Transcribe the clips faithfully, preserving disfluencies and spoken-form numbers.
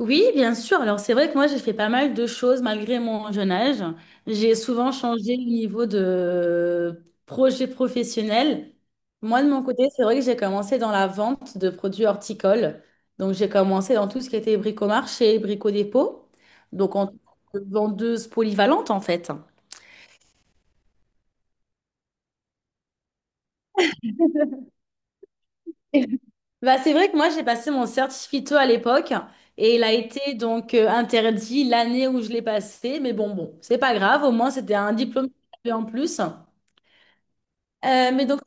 Oui, bien sûr. Alors, c'est vrai que moi, j'ai fait pas mal de choses malgré mon jeune âge. J'ai souvent changé le niveau de projet professionnel. Moi, de mon côté, c'est vrai que j'ai commencé dans la vente de produits horticoles. Donc, j'ai commencé dans tout ce qui était bricomarché, bricodépôt. Donc, en tant que vendeuse polyvalente, en fait. Bah, c'est vrai que moi, j'ai passé mon certificat à l'époque et il a été donc euh, interdit l'année où je l'ai passé. Mais bon, bon, c'est pas grave. Au moins, c'était un diplôme que j'avais en plus. Euh, mais donc,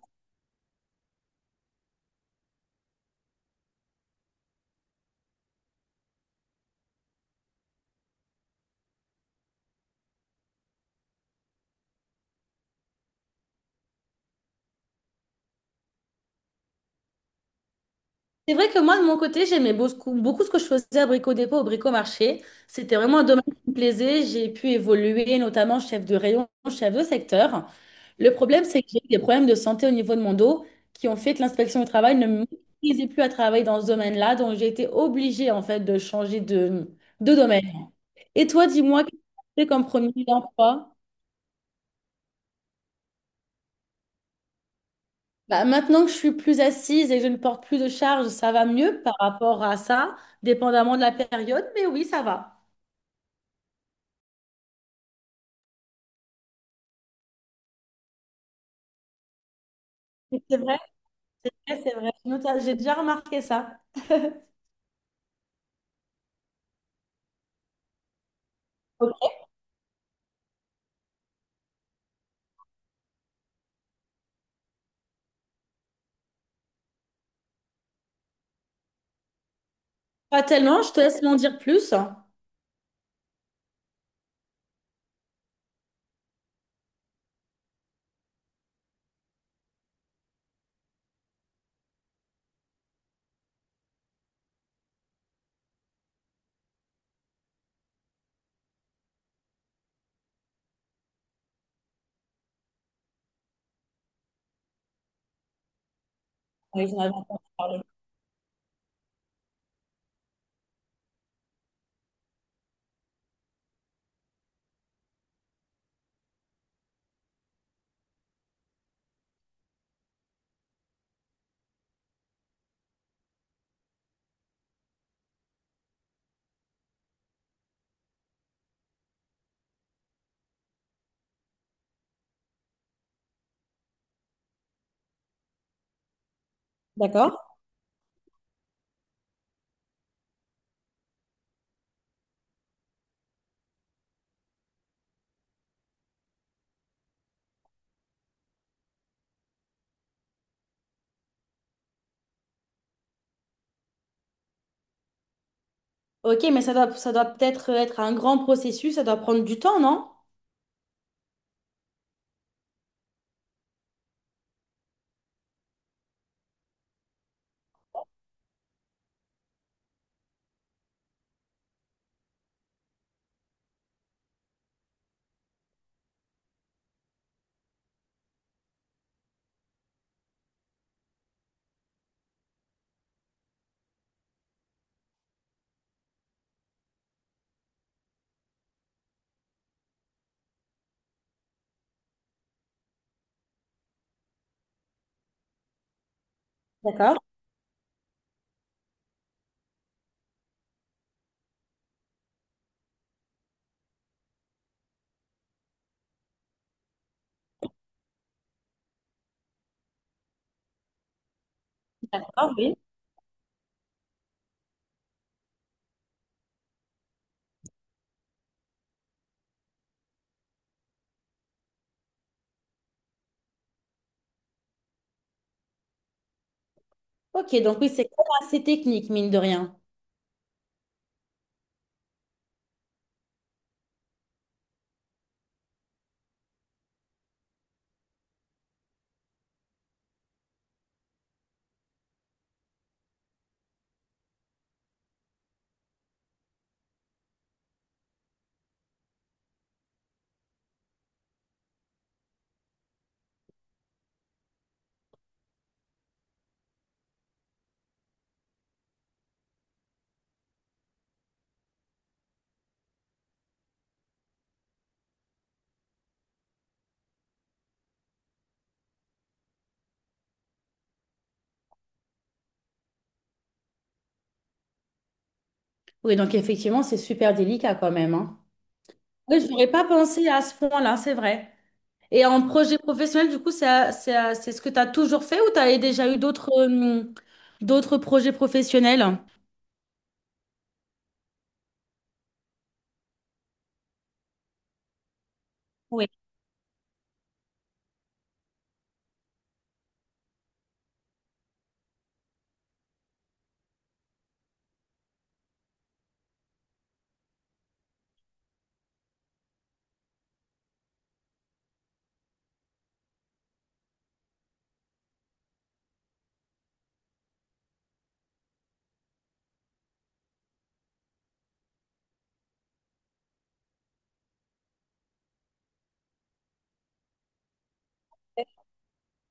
c'est vrai que moi, de mon côté, j'aimais beaucoup, beaucoup ce que je faisais à Brico Dépôt, au Brico Marché. C'était vraiment un domaine qui me plaisait. J'ai pu évoluer, notamment chef de rayon, chef de secteur. Le problème, c'est que j'ai eu des problèmes de santé au niveau de mon dos qui ont fait que l'inspection du travail ne m'autorisait plus à travailler dans ce domaine-là. Donc, j'ai été obligée, en fait, de changer de, de domaine. Et toi, dis-moi, qu'est-ce que tu as fait comme premier emploi? Bah, maintenant que je suis plus assise et que je ne porte plus de charge, ça va mieux par rapport à ça, dépendamment de la période, mais oui, ça va. C'est vrai, ouais, c'est vrai. Je note- J'ai déjà remarqué ça. Ok. Pas tellement, je te laisse m'en dire plus. Oui, j'en avais entendu parler. D'accord. Ok, mais ça doit, ça doit peut-être être un grand processus, ça doit prendre du temps, non? D'accord. D'accord, oui. Ok, donc oui, c'est quand même assez technique, mine de rien. Oui, donc effectivement, c'est super délicat quand même, hein. Oui, je n'aurais pas pensé à ce point-là, c'est vrai. Et en projet professionnel, du coup, c'est c'est c'est ce que tu as toujours fait ou tu as déjà eu d'autres euh, d'autres projets professionnels?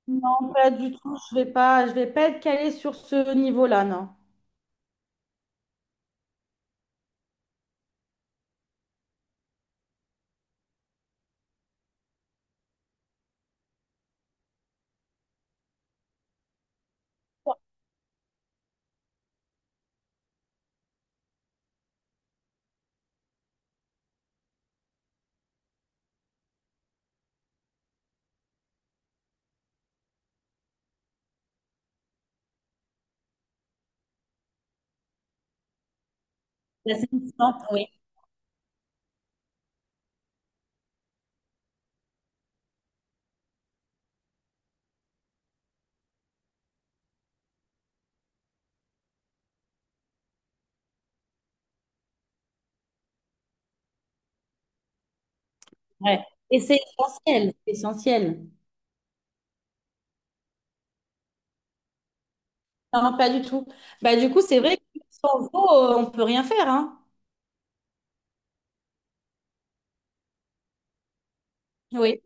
Non, pas du tout. Je vais pas, je vais pas être calée sur ce niveau-là, non. La satisfaction, oui. Ouais. Et c'est essentiel, c'est essentiel. Non, pas du tout. Bah, du coup, c'est vrai que sans eau, euh, on peut rien faire, hein. Oui.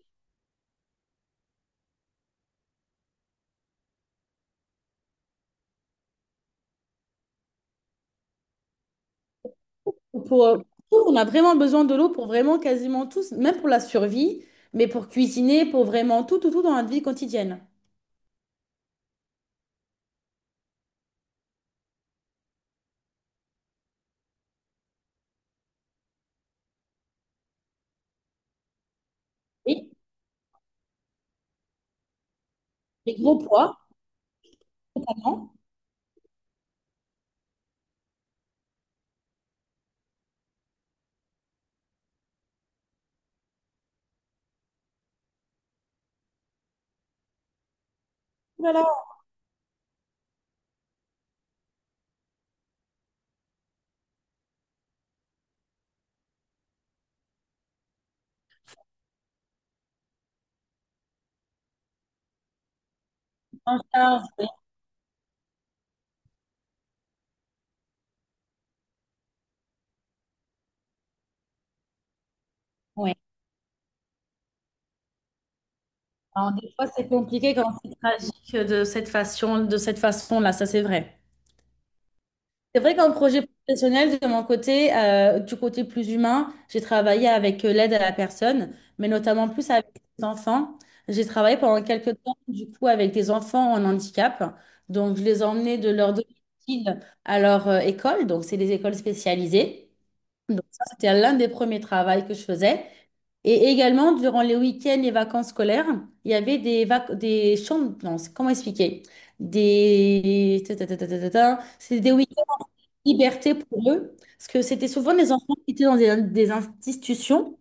Pour, euh, pour tout, on a vraiment besoin de l'eau pour vraiment quasiment tous, même pour la survie, mais pour cuisiner, pour vraiment tout, tout, tout dans notre vie quotidienne. Oui. Les gros poids. Temps. Ouh là là. En charge, oui. Oui. Alors, des fois, c'est compliqué quand c'est tragique de cette façon, de cette façon-là, ça c'est vrai. C'est vrai qu'en projet professionnel, de mon côté, euh, du côté plus humain, j'ai travaillé avec euh, l'aide à la personne, mais notamment plus avec les enfants. J'ai travaillé pendant quelques temps, du coup, avec des enfants en handicap. Donc, je les emmenais de leur domicile à leur euh, école. Donc, c'est des écoles spécialisées. Donc ça, c'était l'un des premiers travaux que je faisais. Et également, durant les week-ends et vacances scolaires, il y avait des, vac- des chambres. Non, c'est- comment expliquer? Des... ta, ta, ta, ta, ta, ta, ta. C'était des week-ends liberté pour eux. Parce que c'était souvent des enfants qui étaient dans des, des institutions.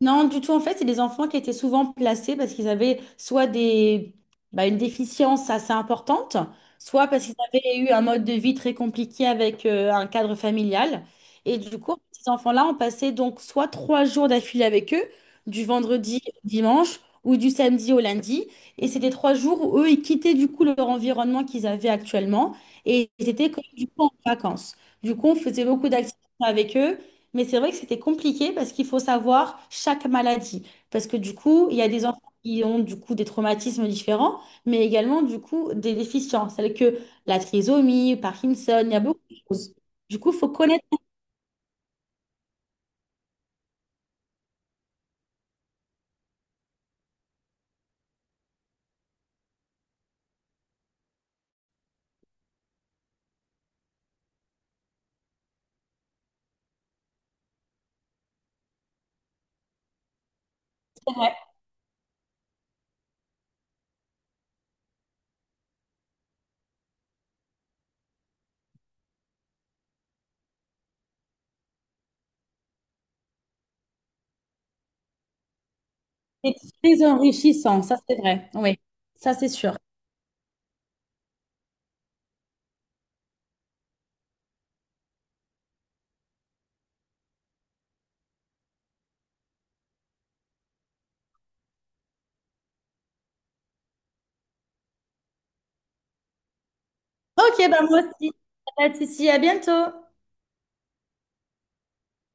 Non, du tout. En fait, c'est des enfants qui étaient souvent placés parce qu'ils avaient soit des, bah, une déficience assez importante, soit parce qu'ils avaient eu un mode de vie très compliqué avec euh, un cadre familial. Et du coup, ces enfants-là ont passé donc soit trois jours d'affilée avec eux, du vendredi au dimanche ou du samedi au lundi. Et c'était trois jours où eux, ils quittaient du coup leur environnement qu'ils avaient actuellement et ils étaient comme du coup en vacances. Du coup, on faisait beaucoup d'activités avec eux. Mais c'est vrai que c'était compliqué parce qu'il faut savoir chaque maladie. Parce que du coup, il y a des enfants qui ont du coup des traumatismes différents, mais également du coup des déficiences, telles que la trisomie, Parkinson, il y a beaucoup de choses. Du coup, il faut connaître. C'est vrai. C'est très enrichissant, ça c'est vrai. Oui, ça c'est sûr. Ok, ben moi aussi. Pas de souci, à bientôt.